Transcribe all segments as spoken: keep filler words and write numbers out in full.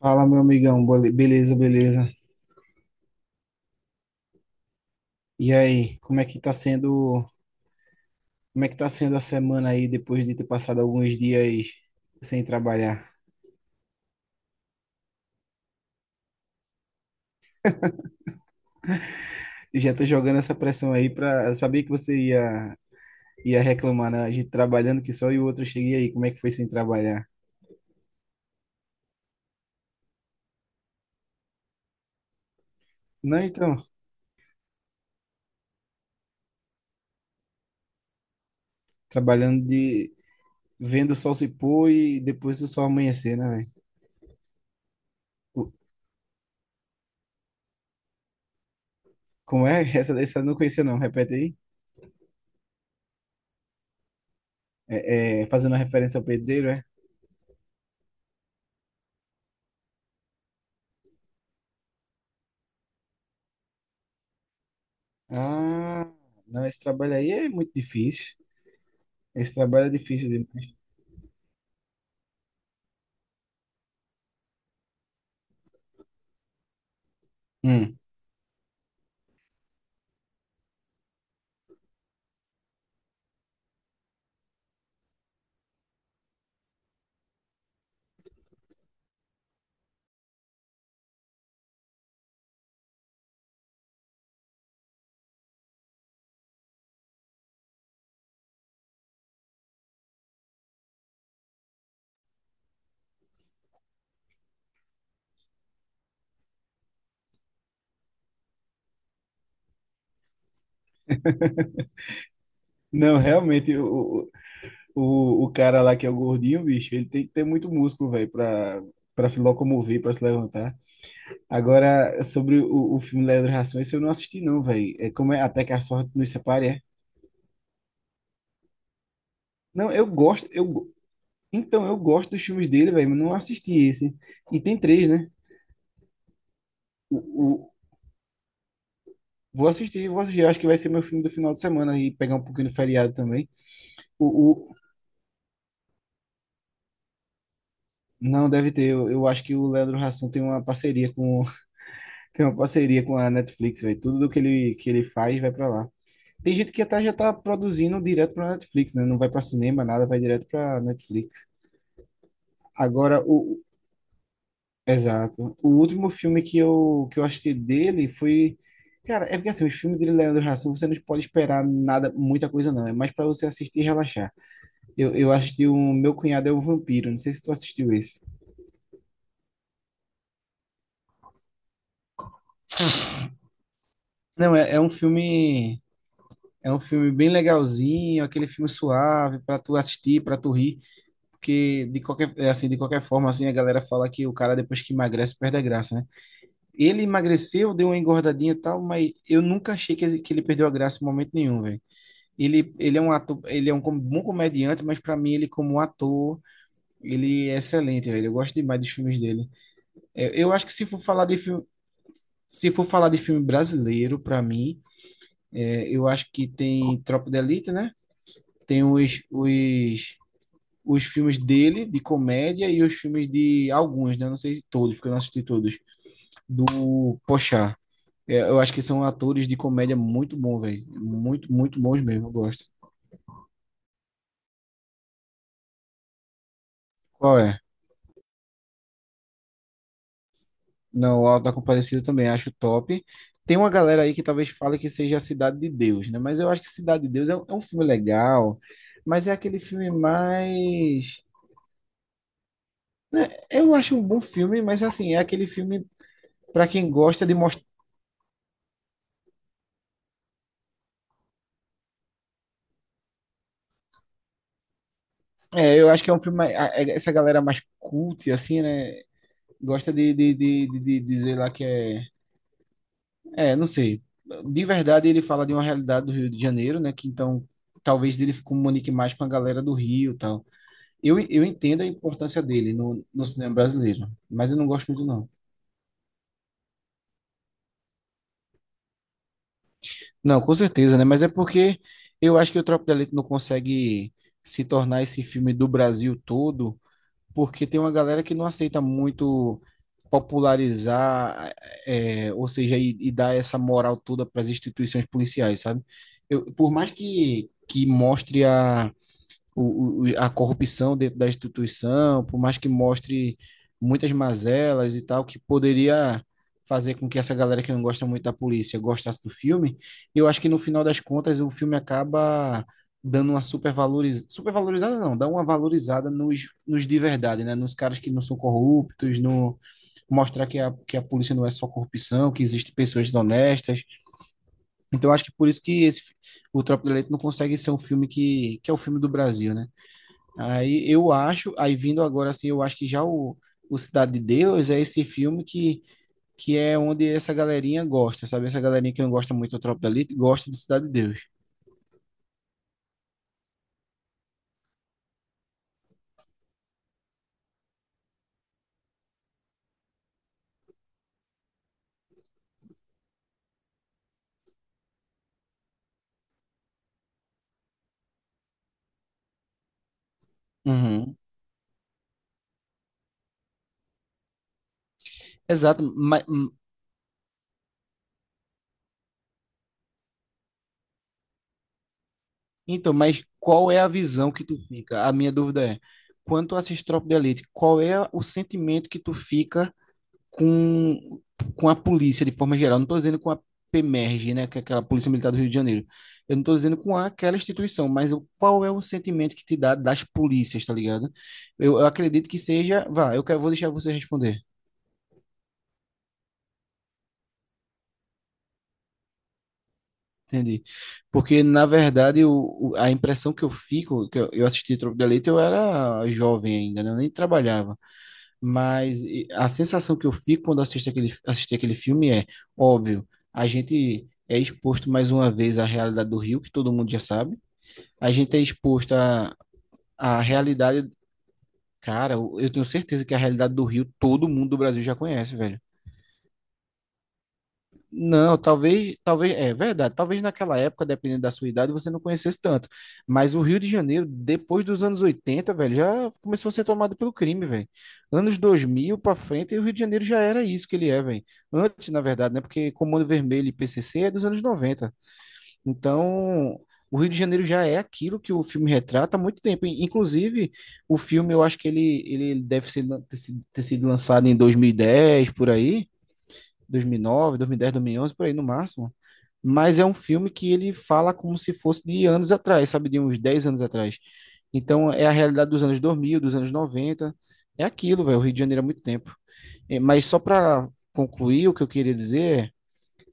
Fala, meu amigão, Bole- beleza, beleza. E aí, como é que tá sendo, como é que tá sendo a semana aí depois de ter passado alguns dias sem trabalhar? Já tô jogando essa pressão aí pra saber que você ia ia reclamar, né? A gente trabalhando que só e o outro cheguei aí, como é que foi sem trabalhar? Não, então, trabalhando de vendo o sol se pôr e depois o sol amanhecer, né, velho? O- Como é? Essa, essa eu não conhecia não, repete aí. É, é, fazendo uma referência ao pedreiro, é? Ah, não, esse trabalho aí é muito difícil. Esse trabalho é difícil demais. Hum. Não, realmente, o, o, o cara lá que é o gordinho, bicho, ele tem que ter muito músculo, velho, pra, pra se locomover, pra se levantar. Agora, sobre o, o filme Leandro Hassum, esse eu não assisti, não, velho. É como é Até que a Sorte Nos Separe, é? Não, eu gosto, eu, go- então, eu gosto dos filmes dele, velho, mas não assisti esse. E tem três, né? O, o, vou assistir, vou assistir. Eu acho que vai ser meu filme do final de semana e pegar um pouquinho de feriado também. O, o, não, deve ter. Eu, eu acho que o Leandro Hassum tem uma parceria com tem uma parceria com a Netflix, velho. Tudo do que ele, que ele faz vai pra lá. Tem gente que até já tá produzindo direto pra Netflix, né? Não vai pra cinema, nada, vai direto pra Netflix. Agora, o. Exato. O último filme que eu, que eu assisti dele foi. Cara, é porque assim, os filmes de Leandro Hassum, você não pode esperar nada, muita coisa não. É mais pra você assistir e relaxar. Eu, eu assisti o Meu Cunhado é um Vampiro. Não sei se tu assistiu esse. Não, é, é um filme. É um filme bem legalzinho, aquele filme suave pra tu assistir, pra tu rir. Porque de qualquer, é assim, de qualquer forma, assim, a galera fala que o cara depois que emagrece perde a graça, né? Ele emagreceu, deu uma engordadinha e tal, mas eu nunca achei que, que ele perdeu a graça em momento nenhum, velho. Ele, ele é um ator, ele é um com- bom comediante, mas para mim ele como ator, ele é excelente, velho. Eu gosto demais dos filmes dele. É, eu acho que se for falar de filme, se for falar de filme brasileiro, para mim, é, eu acho que tem Tropa de Elite, né? Tem os, os os filmes dele, de comédia, e os filmes de alguns, né? Não sei se todos, porque eu não assisti todos, do Pochá. É, eu acho que são atores de comédia muito bons, velho. Muito, muito bons mesmo, eu gosto. Qual é? Não, o Auto da Compadecida também acho top. Tem uma galera aí que talvez fale que seja a Cidade de Deus, né? Mas eu acho que Cidade de Deus é um, é um filme legal, mas é aquele filme mais. Né, eu acho um bom filme, mas assim, é aquele filme para quem gosta de mostrar. É, eu acho que é um filme mais- a- é- essa galera mais cult, assim, né? Gosta de, de, de, de, de dizer lá que é. É, não sei. De verdade, ele fala de uma realidade do Rio de Janeiro, né? Que então talvez ele comunique mais com a galera do Rio e tal. Eu, eu entendo a importância dele no, no cinema brasileiro, mas eu não gosto muito, não. Não, com certeza, né? Mas é porque eu acho que o Tropa de Elite não consegue se tornar esse filme do Brasil todo porque tem uma galera que não aceita muito popularizar, é, ou seja, e, e dar essa moral toda para as instituições policiais, sabe? Eu, por mais que, que mostre a, o, o- a corrupção dentro da instituição, por mais que mostre muitas mazelas e tal, que poderia fazer com que essa galera que não gosta muito da polícia gostasse do filme. E eu acho que no final das contas o filme acaba dando uma supervaloriz... supervalorizada não, dá uma valorizada nos, nos de verdade, né? Nos caras que não são corruptos, no mostrar que a, que a polícia não é só corrupção, que existem pessoas honestas. Então eu acho que por isso que esse, o Tropa de Elite não consegue ser um filme que, que é o filme do Brasil, né? Aí eu acho, aí vindo agora assim, eu acho que já o, o Cidade de Deus é esse filme que, que é onde essa galerinha gosta, sabe? Essa galerinha que não gosta muito do Tropa da Elite gosta de Cidade de Deus. Uhum. Exato. Mas, então, mas qual é a visão que tu fica? A minha dúvida é, quando tu assiste Tropa da Elite, qual é o sentimento que tu fica com, com a polícia de forma geral. Não estou dizendo com a PEMERG, né, que é aquela Polícia Militar do Rio de Janeiro. Eu não estou dizendo com aquela instituição, mas o- qual é o sentimento que te dá das polícias, tá ligado? Eu, eu acredito que seja. Vá, eu quero, vou deixar você responder. Entendi. Porque, na verdade, o, o- a impressão que eu fico, que eu, eu assisti Tropa de Elite, eu era jovem ainda, né? Eu nem trabalhava. Mas e, a sensação que eu fico quando assisto aquele, assisti aquele filme é, óbvio, a gente é exposto mais uma vez à realidade do Rio, que todo mundo já sabe. A gente é exposto à, à, realidade, cara, eu eu tenho certeza que a realidade do Rio todo mundo do Brasil já conhece, velho. Não, talvez, talvez, é verdade, talvez naquela época, dependendo da sua idade, você não conhecesse tanto. Mas o Rio de Janeiro, depois dos anos oitenta, velho, já começou a ser tomado pelo crime, velho. Anos dois mil pra frente, o Rio de Janeiro já era isso que ele é, velho. Antes, na verdade, né? Porque Comando Vermelho e P C C é dos anos noventa. Então, o Rio de Janeiro já é aquilo que o filme retrata há muito tempo. In- Inclusive, o filme, eu acho que ele, ele deve ser, lan- ter sido ter sido lançado em dois mil e dez, por aí. dois mil e nove, dois mil e dez, dois mil e onze, por aí no máximo. Mas é um filme que ele fala como se fosse de anos atrás, sabe, de uns dez anos atrás. Então é a realidade dos anos dois mil, dos anos noventa. É aquilo, velho, o Rio de Janeiro há muito tempo. É, mas só para concluir, o que eu queria dizer é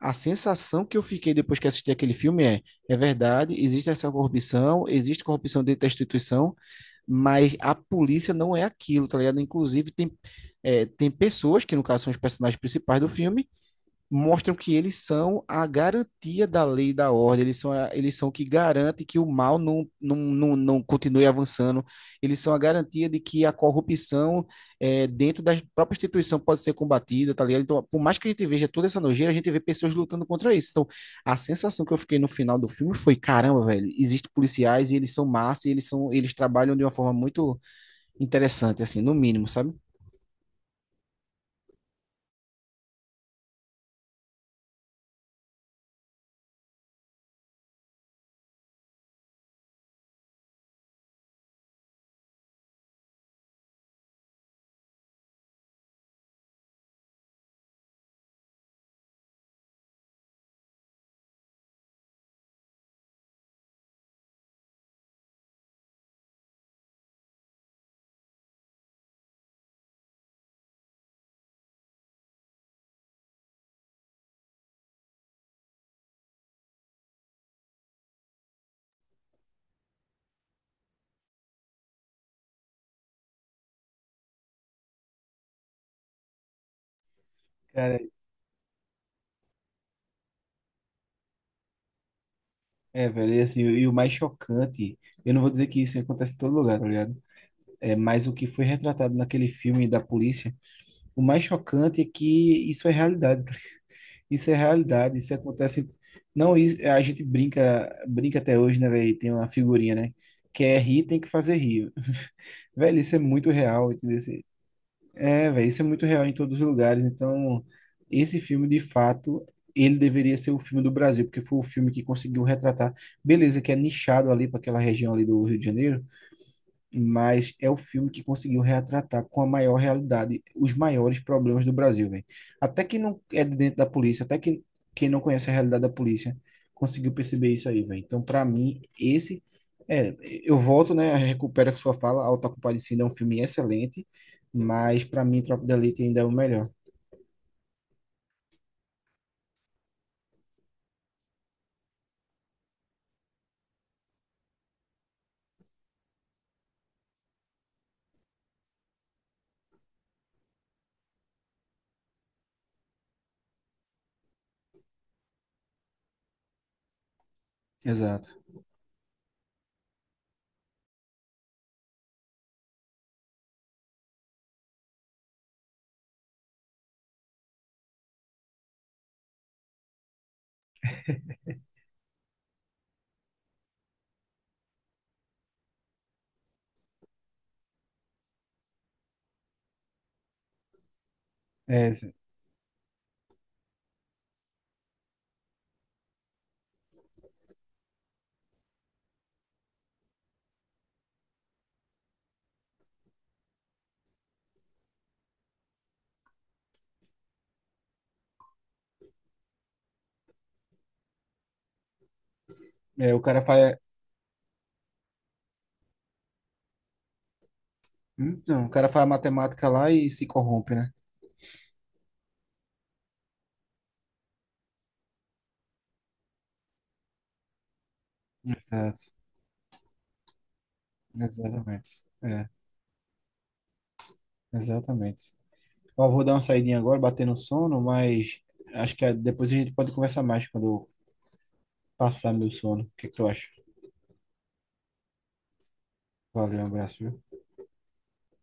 a sensação que eu fiquei depois que assisti aquele filme é, é verdade, existe essa corrupção, existe corrupção dentro da instituição, mas a polícia não é aquilo, tá ligado? Inclusive, tem, é, tem pessoas, que no caso são os personagens principais do filme, mostram que eles são a garantia da lei e da ordem, eles são, a- eles são o que garante que o mal não, não, não, não continue avançando, eles são a garantia de que a corrupção eh, dentro da própria instituição pode ser combatida, tá ligado? Então, por mais que a gente veja toda essa nojeira, a gente vê pessoas lutando contra isso. Então, a sensação que eu fiquei no final do filme foi, caramba, velho, existem policiais e eles são massa e eles são, eles trabalham de uma forma muito interessante, assim, no mínimo, sabe? É, velho, e, assim, e o mais chocante, eu não vou dizer que isso acontece em todo lugar, tá ligado? É, mas o que foi retratado naquele filme da polícia, o mais chocante é que isso é realidade. Tá? Isso é realidade, isso acontece. Não, isso, a gente brinca, brinca até hoje, né, velho? Tem uma figurinha, né? Quer rir, tem que fazer rir. Velho, isso é muito real, entendeu? É, velho, isso é muito real em todos os lugares. Então, esse filme, de fato, ele deveria ser o filme do Brasil, porque foi o filme que conseguiu retratar. Beleza, que é nichado ali para aquela região ali do Rio de Janeiro, mas é o filme que conseguiu retratar com a maior realidade os maiores problemas do Brasil, velho. Até quem não é de dentro da polícia, até quem, quem não conhece a realidade da polícia, conseguiu perceber isso aí, velho. Então, para mim, esse é, eu volto, né, recupera a sua fala, Auto da Compadecida é um filme excelente, mas para mim Tropa de Elite ainda é o melhor. Exato. É, esse- é, o cara faz, hum, não, o cara faz matemática lá e se corrompe, né? Exato. Exatamente. É, exatamente. Eu vou dar uma saidinha agora, bater no sono, mas acho que ah, depois a gente pode conversar mais quando eu passar meu sono. O que é que tu acha? Valeu, um abraço, viu?